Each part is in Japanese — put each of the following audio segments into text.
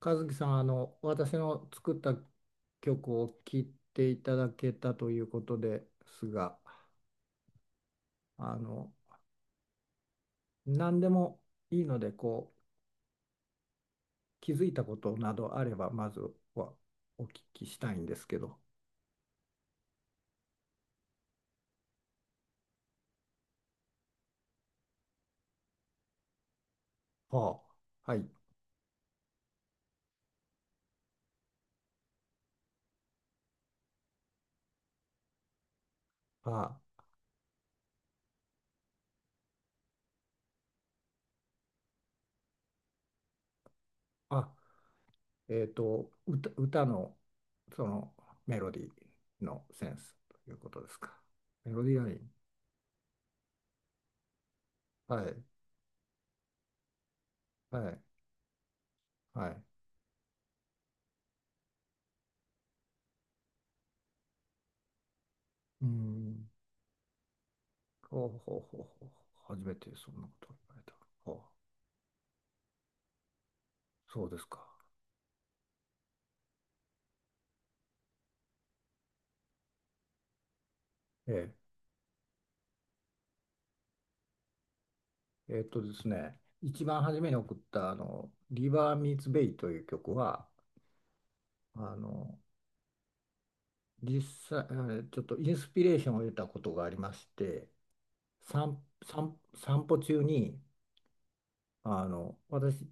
和樹さん、私の作った曲を聴いていただけたということですが、あの、何でもいいので、気づいたことなどあれば、まずはお聞きしたいんですけど。はあ、はい。はあ、あ、歌の、その、メロディーのセンスということですか。メロディアライン。はい、はい、はい。うーん、ほうほうほうほう。初めてそんなことを言われた。ほう、そうですか。ええ、ですね、一番初めに送ったあの「リバー・ミーツ・ベイ」という曲は、あの実際、ちょっとインスピレーションを得たことがありまして、散歩中に私、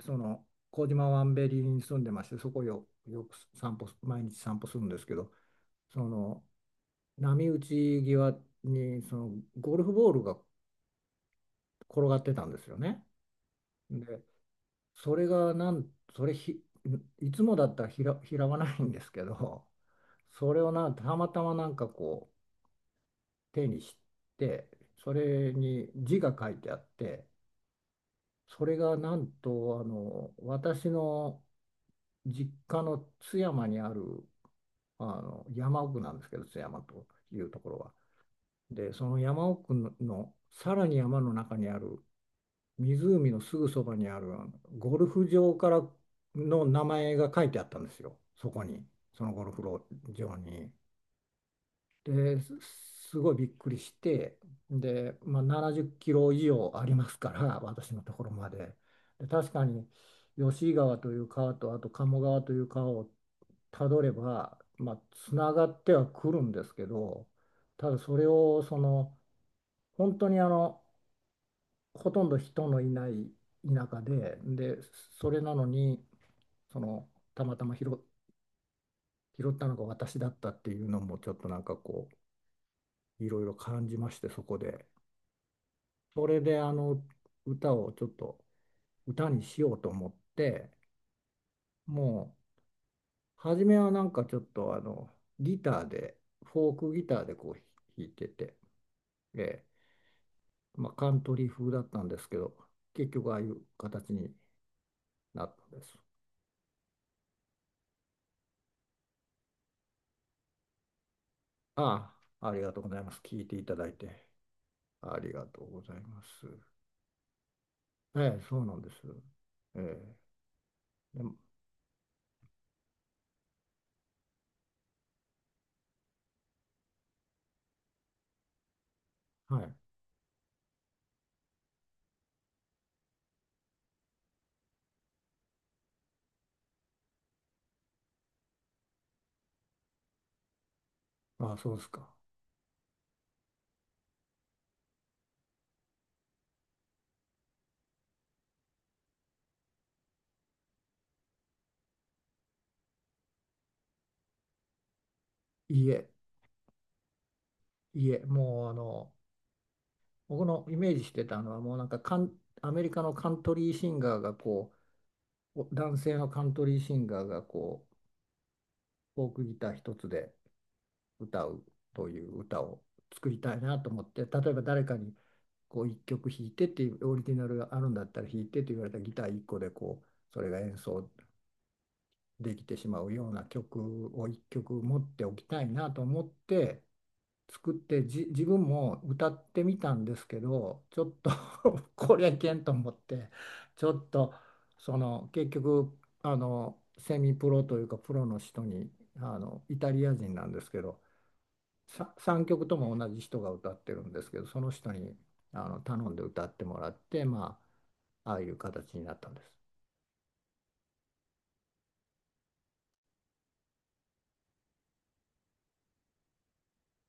その麹島ワンベリーに住んでまして、そこをよく散歩、毎日散歩するんですけど、その波打ち際にゴルフボールが転がってたんですよね。で、それがなん、それひ、いつもだったら拾わないんですけど、それをたまたまなんかこう手にして、それに字が書いてあって、それがなんと私の実家の津山にある、山奥なんですけど、津山というところは。で、その山奥のさらに山の中にある湖のすぐそばにある、ゴルフ場からの名前が書いてあったんですよ、そこに、そのゴルフ場に。で、すごいびっくりして、で、まあ、70キロ以上ありますから、私のところまで。で、確かに吉井川という川と、あと鴨川という川をたどれば、まあ、つながってはくるんですけど、ただそれを本当に、ほとんど人のいない田舎で、で、それなのに、その、たまたま拾ったのが私だったっていうのも、ちょっとなんかこう、いろいろ感じまして、そこで。それで、歌をちょっと、歌にしようと思って、もう、初めはなんかちょっと、ギターで、フォークギターでこう、弾いてて、えまあ、カントリー風だったんですけど、結局、ああいう形になったんです。ああ、ありがとうございます。聞いていただいて。ありがとうございます。ええ、そうなんです。ええ、でも、はい。ああ、そうですか。いえ、いえ、もう僕のイメージしてたのは、もうなんかアメリカのカントリーシンガーがこう、男性のカントリーシンガーがこう、フォークギター一つで歌うという歌を作りたいなと思って、例えば誰かにこう一曲弾いてっていう、オリジナルがあるんだったら弾いてって言われたらギター一個でこう、それが演奏できてしまうような曲を一曲持っておきたいなと思って作って、自分も歌ってみたんですけどちょっと これいけんと思って、ちょっと結局、セミプロというかプロの人に、イタリア人なんですけどさ、3曲とも同じ人が歌ってるんですけど、その人に頼んで歌ってもらって、まあ、ああいう形になったんです。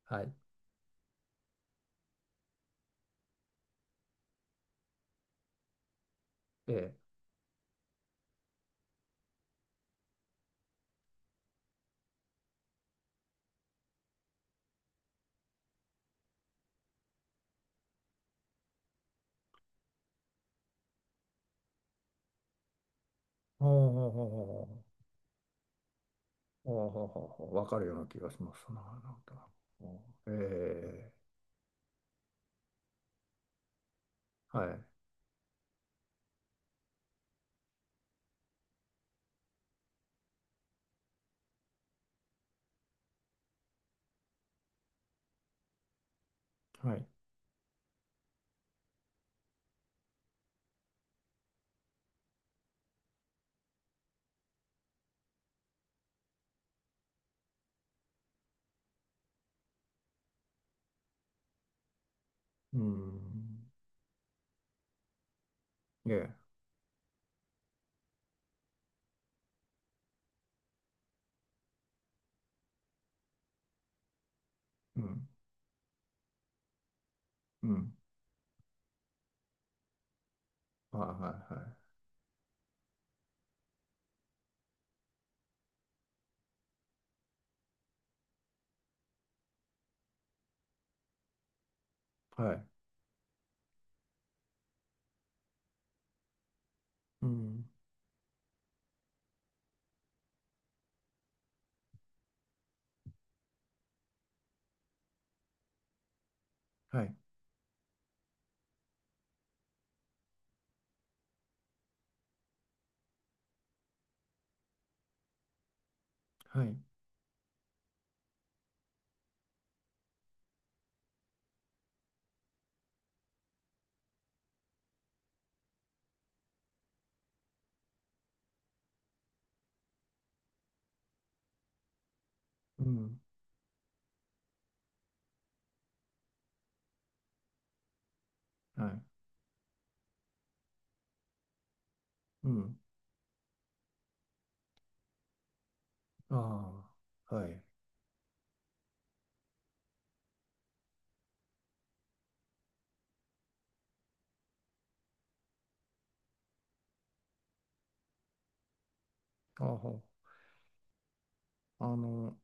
はい、で、ほうほうほうほ、ああ、わかるような気がしますな。なんか、ええ、はい、はい、うん、ええ、うん、うん、はいはいはい、はい、うん、はい、はい、うん、はい、うん、ああ、はい、ああ、あの、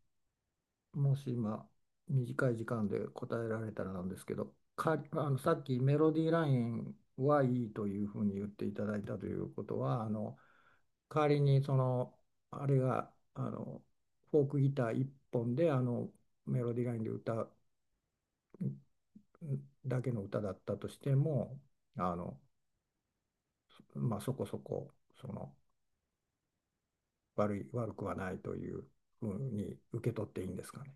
もし今、短い時間で答えられたらなんですけど、さっきメロディーラインはいいというふうに言っていただいたということは、代わりにそのあれが、フォークギター1本で、メロディーラインで歌うだけの歌だったとしても、あの、まあ、そこそこ、その悪くはないというふうに受け取っていいんですかね。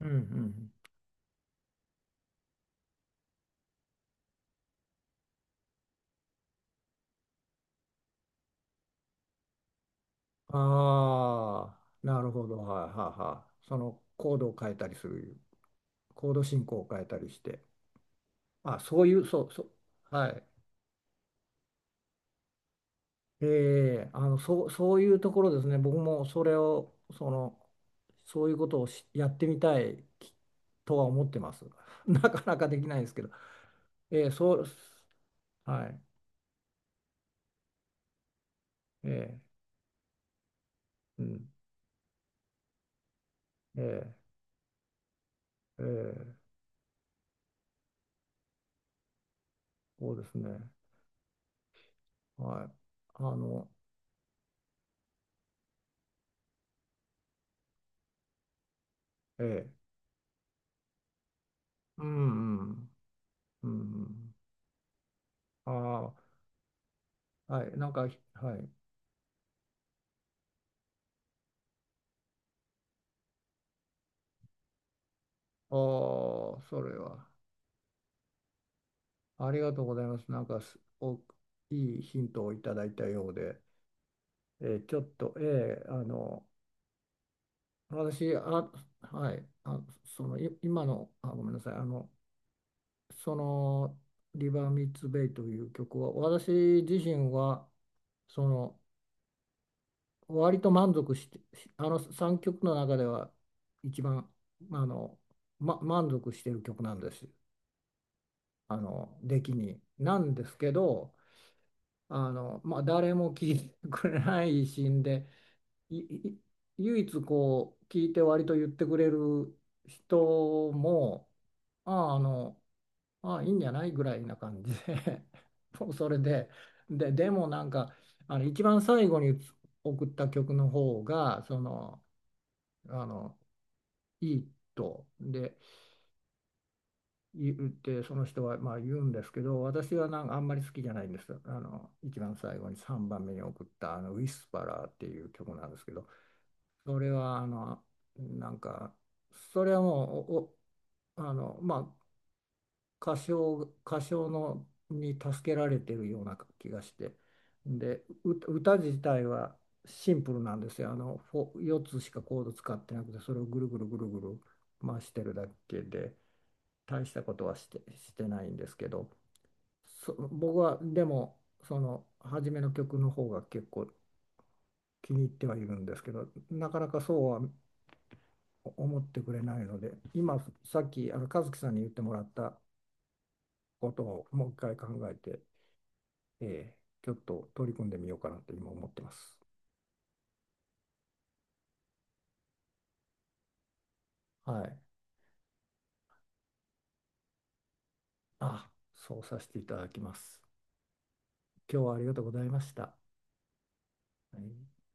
うん、うん、ああ、なるほど、はい、はい、はい、コード進行を変えたりして、あ、そういう、そう、そう、はい。ええ、そう、そういうところですね。僕もそれを、そういうことをやってみたいとは思ってます。なかなかできないですけど。ええ、そう、はい。ええ、うん。ええ、ええ、そうですね。はい。あの、ええ、うん、うん、うん。ああ、はい。なんか、はい。ああ、それは。ありがとうございます。なんか、いいヒントをいただいたようで。えーちょっと、私、あ、はい、あ、今の、あ、ごめんなさい、その、リバー・ミーツ・ベイという曲は、私自身は、その、割と満足して、あの3曲の中では、一番、あの、満足している曲なんです。あの、出来に。なんですけど、まあ、誰も聴いてくれないしんで、いい唯一こう聞いて割と言ってくれる人も、あああのああいいんじゃないぐらいな感じで もうそれで、でもなんか、一番最後に送った曲の方がその、あのいいとで言って、その人はまあ言うんですけど、私はなんかあんまり好きじゃないんです。あの一番最後に3番目に送ったあの「ウィスパラー」っていう曲なんですけど。それはなんか、それはもう、まあ、歌唱歌唱のに助けられてるような気がして、歌自体はシンプルなんですよ。4つしかコード使ってなくて、それをぐるぐるぐるぐる回してるだけで、大したことはして、ないんですけど、僕はでも、その初めの曲の方が結構気に入ってはいるんですけど、なかなかそうは思ってくれないので、今、さっき和樹さんに言ってもらったことをもう一回考えて、えーちょっと取り組んでみようかなと今思ってます。はい。あ、そうさせていただきます。今日はありがとうございました。はい